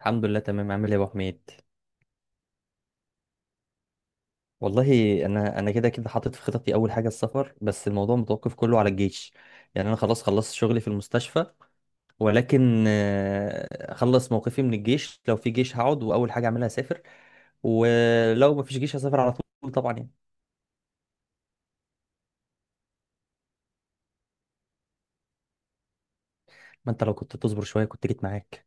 الحمد لله تمام. عامل ايه يا ابو حميد؟ والله انا كده كده حاطط في خططي اول حاجه السفر، بس الموضوع متوقف كله على الجيش. يعني انا خلاص خلصت شغلي في المستشفى، ولكن اخلص موقفي من الجيش. لو في جيش هقعد واول حاجه اعملها اسافر، ولو ما فيش جيش هسافر على طول طبعا يعني. ما انت لو كنت تصبر شويه كنت جيت معاك.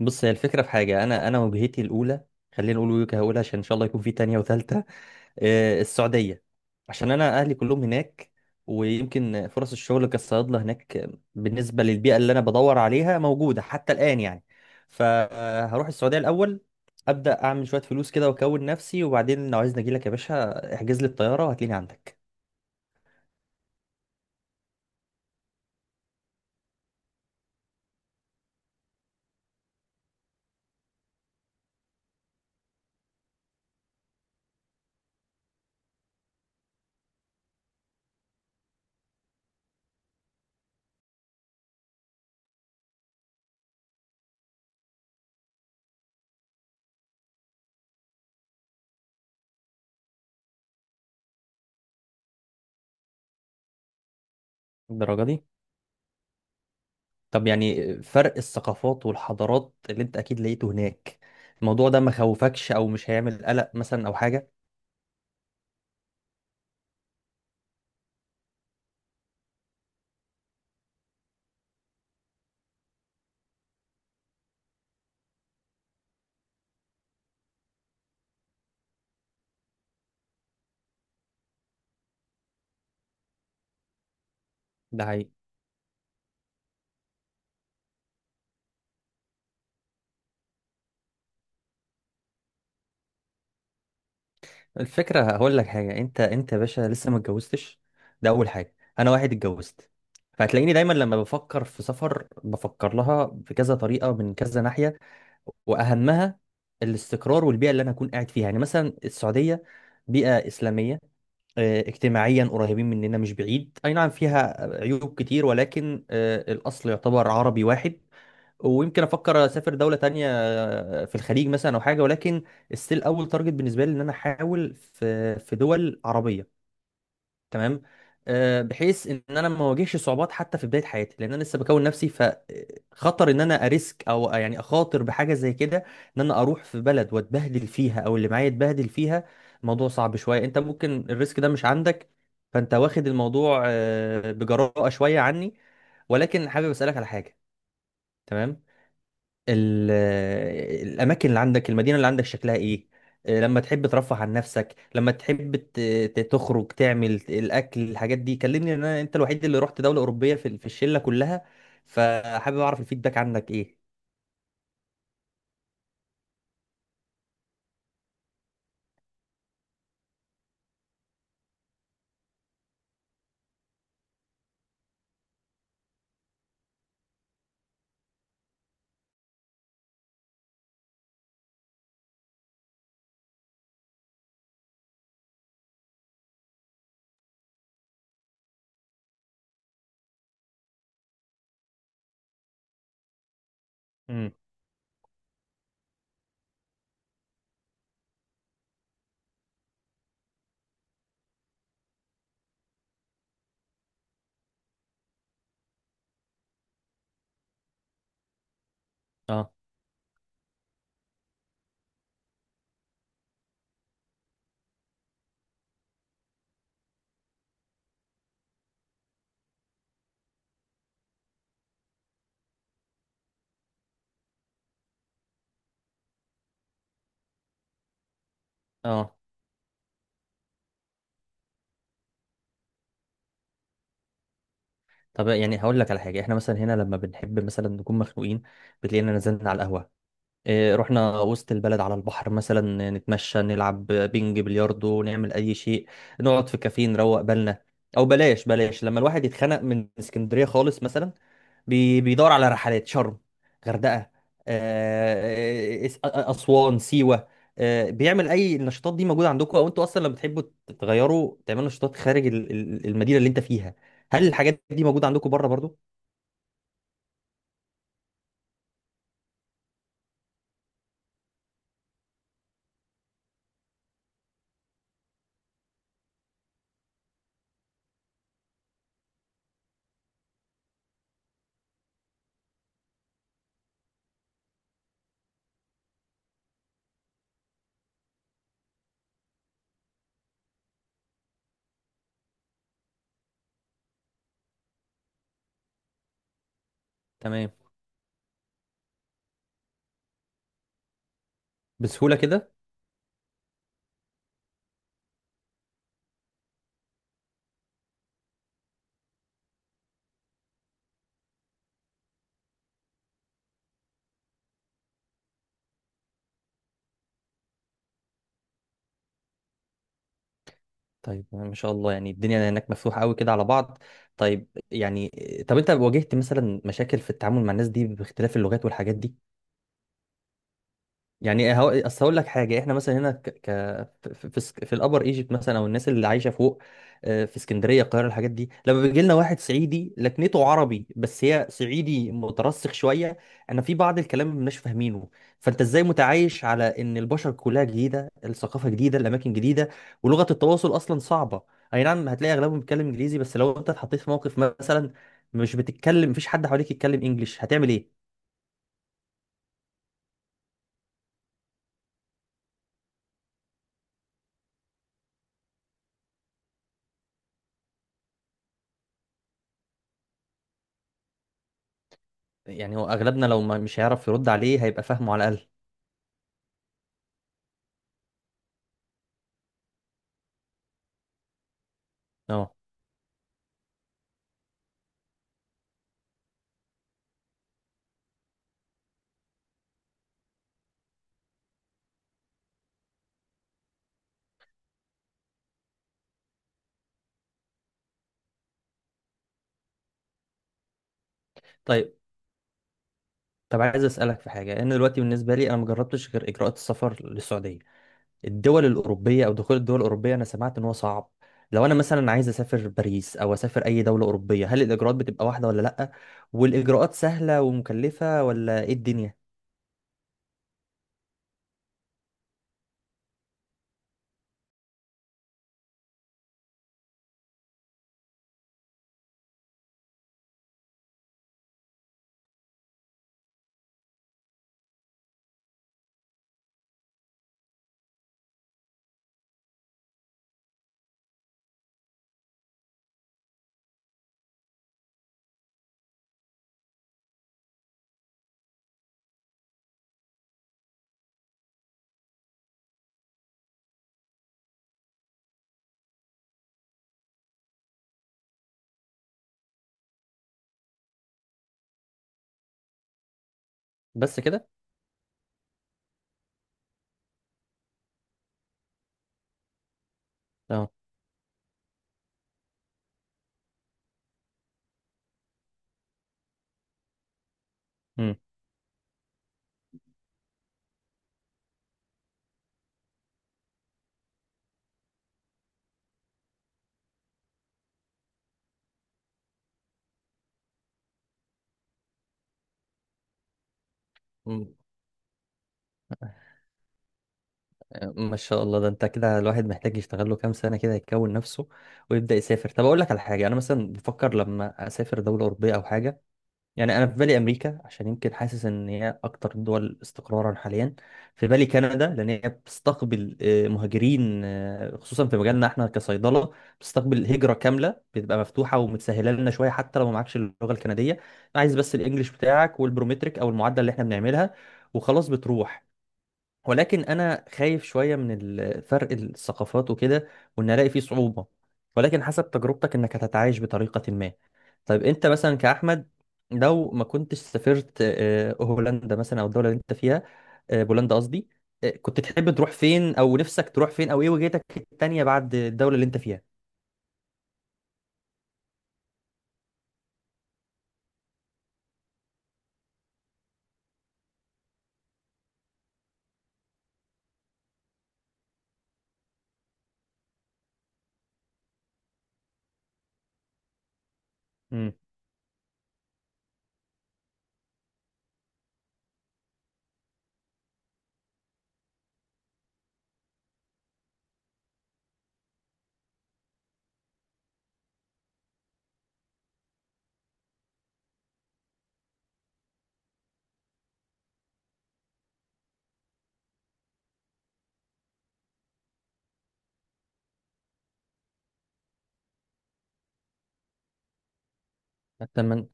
بص، هي الفكره في حاجه، انا وجهتي الاولى، خلينا نقول وجهه اولى عشان ان شاء الله يكون في تانية وثالثه، السعودية. عشان أنا أهلي كلهم هناك، ويمكن فرص الشغل كصيادلة هناك بالنسبة للبيئة اللي أنا بدور عليها موجودة حتى الآن يعني. فهروح السعودية الأول، أبدأ أعمل شوية فلوس كده وأكون نفسي، وبعدين لو عايزني أجيلك يا باشا احجز لي الطيارة وهتلاقيني عندك. الدرجة دي. طب يعني فرق الثقافات والحضارات اللي أنت أكيد لقيته هناك، الموضوع ده ما خوفكش أو مش هيعمل قلق مثلا أو حاجة؟ ده حقيقي. الفكرة هقول لك حاجة، انت يا باشا لسه ما اتجوزتش، ده اول حاجة. انا واحد اتجوزت، فهتلاقيني دايما لما بفكر في سفر بفكر لها بكذا طريقة من كذا ناحية، واهمها الاستقرار والبيئة اللي انا اكون قاعد فيها. يعني مثلا السعودية بيئة اسلامية، اه، اجتماعيا قريبين مننا مش بعيد، اي نعم فيها عيوب كتير ولكن الاصل يعتبر عربي واحد. ويمكن افكر اسافر دوله تانية في الخليج مثلا او حاجه، ولكن ستيل اول تارجت بالنسبه لي ان انا احاول في دول عربيه تمام، بحيث ان انا ما اواجهش صعوبات حتى في بدايه حياتي، لان انا لسه بكون نفسي، فخطر ان انا اريسك او يعني اخاطر بحاجه زي كده، ان انا اروح في بلد واتبهدل فيها او اللي معايا يتبهدل فيها. الموضوع صعب شويه. انت ممكن الريسك ده مش عندك، فانت واخد الموضوع بجراءه شويه عني، ولكن حابب اسالك على حاجه تمام. ال- الاماكن اللي عندك، المدينه اللي عندك شكلها ايه؟ لما تحب ترفه عن نفسك، لما تحب تخرج، تعمل الاكل، الحاجات دي كلمني، لأن انا انت الوحيد اللي رحت دوله اوروبيه في في الشله كلها، فحابب اعرف الفيدباك عنك ايه. امم. اه. اه. طب يعني هقول لك على حاجه، احنا مثلا هنا لما بنحب مثلا نكون مخنوقين بتلاقينا نزلنا على القهوه، إيه، رحنا وسط البلد على البحر مثلا، نتمشى، نلعب بينج بلياردو، نعمل اي شيء، نقعد في كافيه نروق بالنا. او بلاش بلاش، لما الواحد يتخنق من اسكندرية خالص مثلا، بيدور على رحلات شرم، غردقة، أسوان، سيوة. بيعمل أي النشاطات دي موجودة عندكم؟ أو أنتوا أصلا لما بتحبوا تغيروا تعملوا نشاطات خارج المدينة اللي أنت فيها، هل الحاجات دي موجودة عندكم بره برضو؟ تمام. بسهولة كده. طيب، ما شاء الله، يعني الدنيا هناك مفتوحة قوي كده على بعض. طيب يعني، طب انت واجهت مثلا مشاكل في التعامل مع الناس دي باختلاف اللغات والحاجات دي؟ يعني هو اصل هقول لك حاجه، احنا مثلا هنا في الابر ايجيبت مثلا، او الناس اللي عايشه فوق، في اسكندريه، القاهره، الحاجات دي، لما بيجي لنا واحد صعيدي لكنته عربي بس هي صعيدي مترسخ شويه، انا في بعض الكلام ما بناش فاهمينه. فانت ازاي متعايش على ان البشر كلها جديده، الثقافه جديده، الاماكن جديده، ولغه التواصل اصلا صعبه؟ اي نعم هتلاقي اغلبهم بيتكلم انجليزي، بس لو انت اتحطيت في موقف مثلا مش بتتكلم، مفيش حد حواليك يتكلم انجليش، هتعمل ايه؟ يعني هو اغلبنا لو ما مش هيعرف يرد عليه هيبقى فاهمه على الاقل. اه. طيب، طب عايز اسالك في حاجه. انا دلوقتي بالنسبه لي انا ما جربتش غير اجراءات السفر للسعوديه. الدول الاوروبيه، او دخول الدول الاوروبيه، انا سمعت ان هو صعب. لو انا مثلا عايز اسافر باريس او اسافر اي دوله اوروبيه، هل الاجراءات بتبقى واحده ولا لا؟ والاجراءات سهله ومكلفه ولا ايه الدنيا؟ بس كده. اه. امم. ما شاء الله، ده انت كده الواحد محتاج يشتغل له كام سنة كده يكون نفسه ويبدأ يسافر. طب اقول لك على حاجة، انا مثلا بفكر لما اسافر دولة أوروبية او حاجة، يعني انا في بالي امريكا عشان يمكن حاسس ان هي اكتر الدول استقرارا حاليا. في بالي كندا لان هي بتستقبل مهاجرين، خصوصا في مجالنا احنا كصيدلة، بتستقبل هجرة كاملة، بتبقى مفتوحة ومتسهلة لنا شوية حتى لو ما معكش اللغة الكندية، عايز بس الانجليش بتاعك والبرومتريك او المعادلة اللي احنا بنعملها وخلاص بتروح. ولكن انا خايف شويه من فرق الثقافات وكده، وان الاقي فيه صعوبه، ولكن حسب تجربتك انك هتتعايش بطريقه ما. طيب انت مثلا كاحمد، لو ما كنتش سافرت هولندا مثلا او الدوله اللي انت فيها، بولندا قصدي، كنت تحب تروح فين، او نفسك تروح فين، او ايه وجهتك التانيه بعد الدوله اللي انت فيها؟ امم. اتمنى.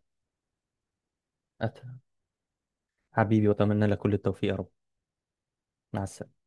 أت... حبيبي، واتمنى لك كل التوفيق يا رب. مع السلامه.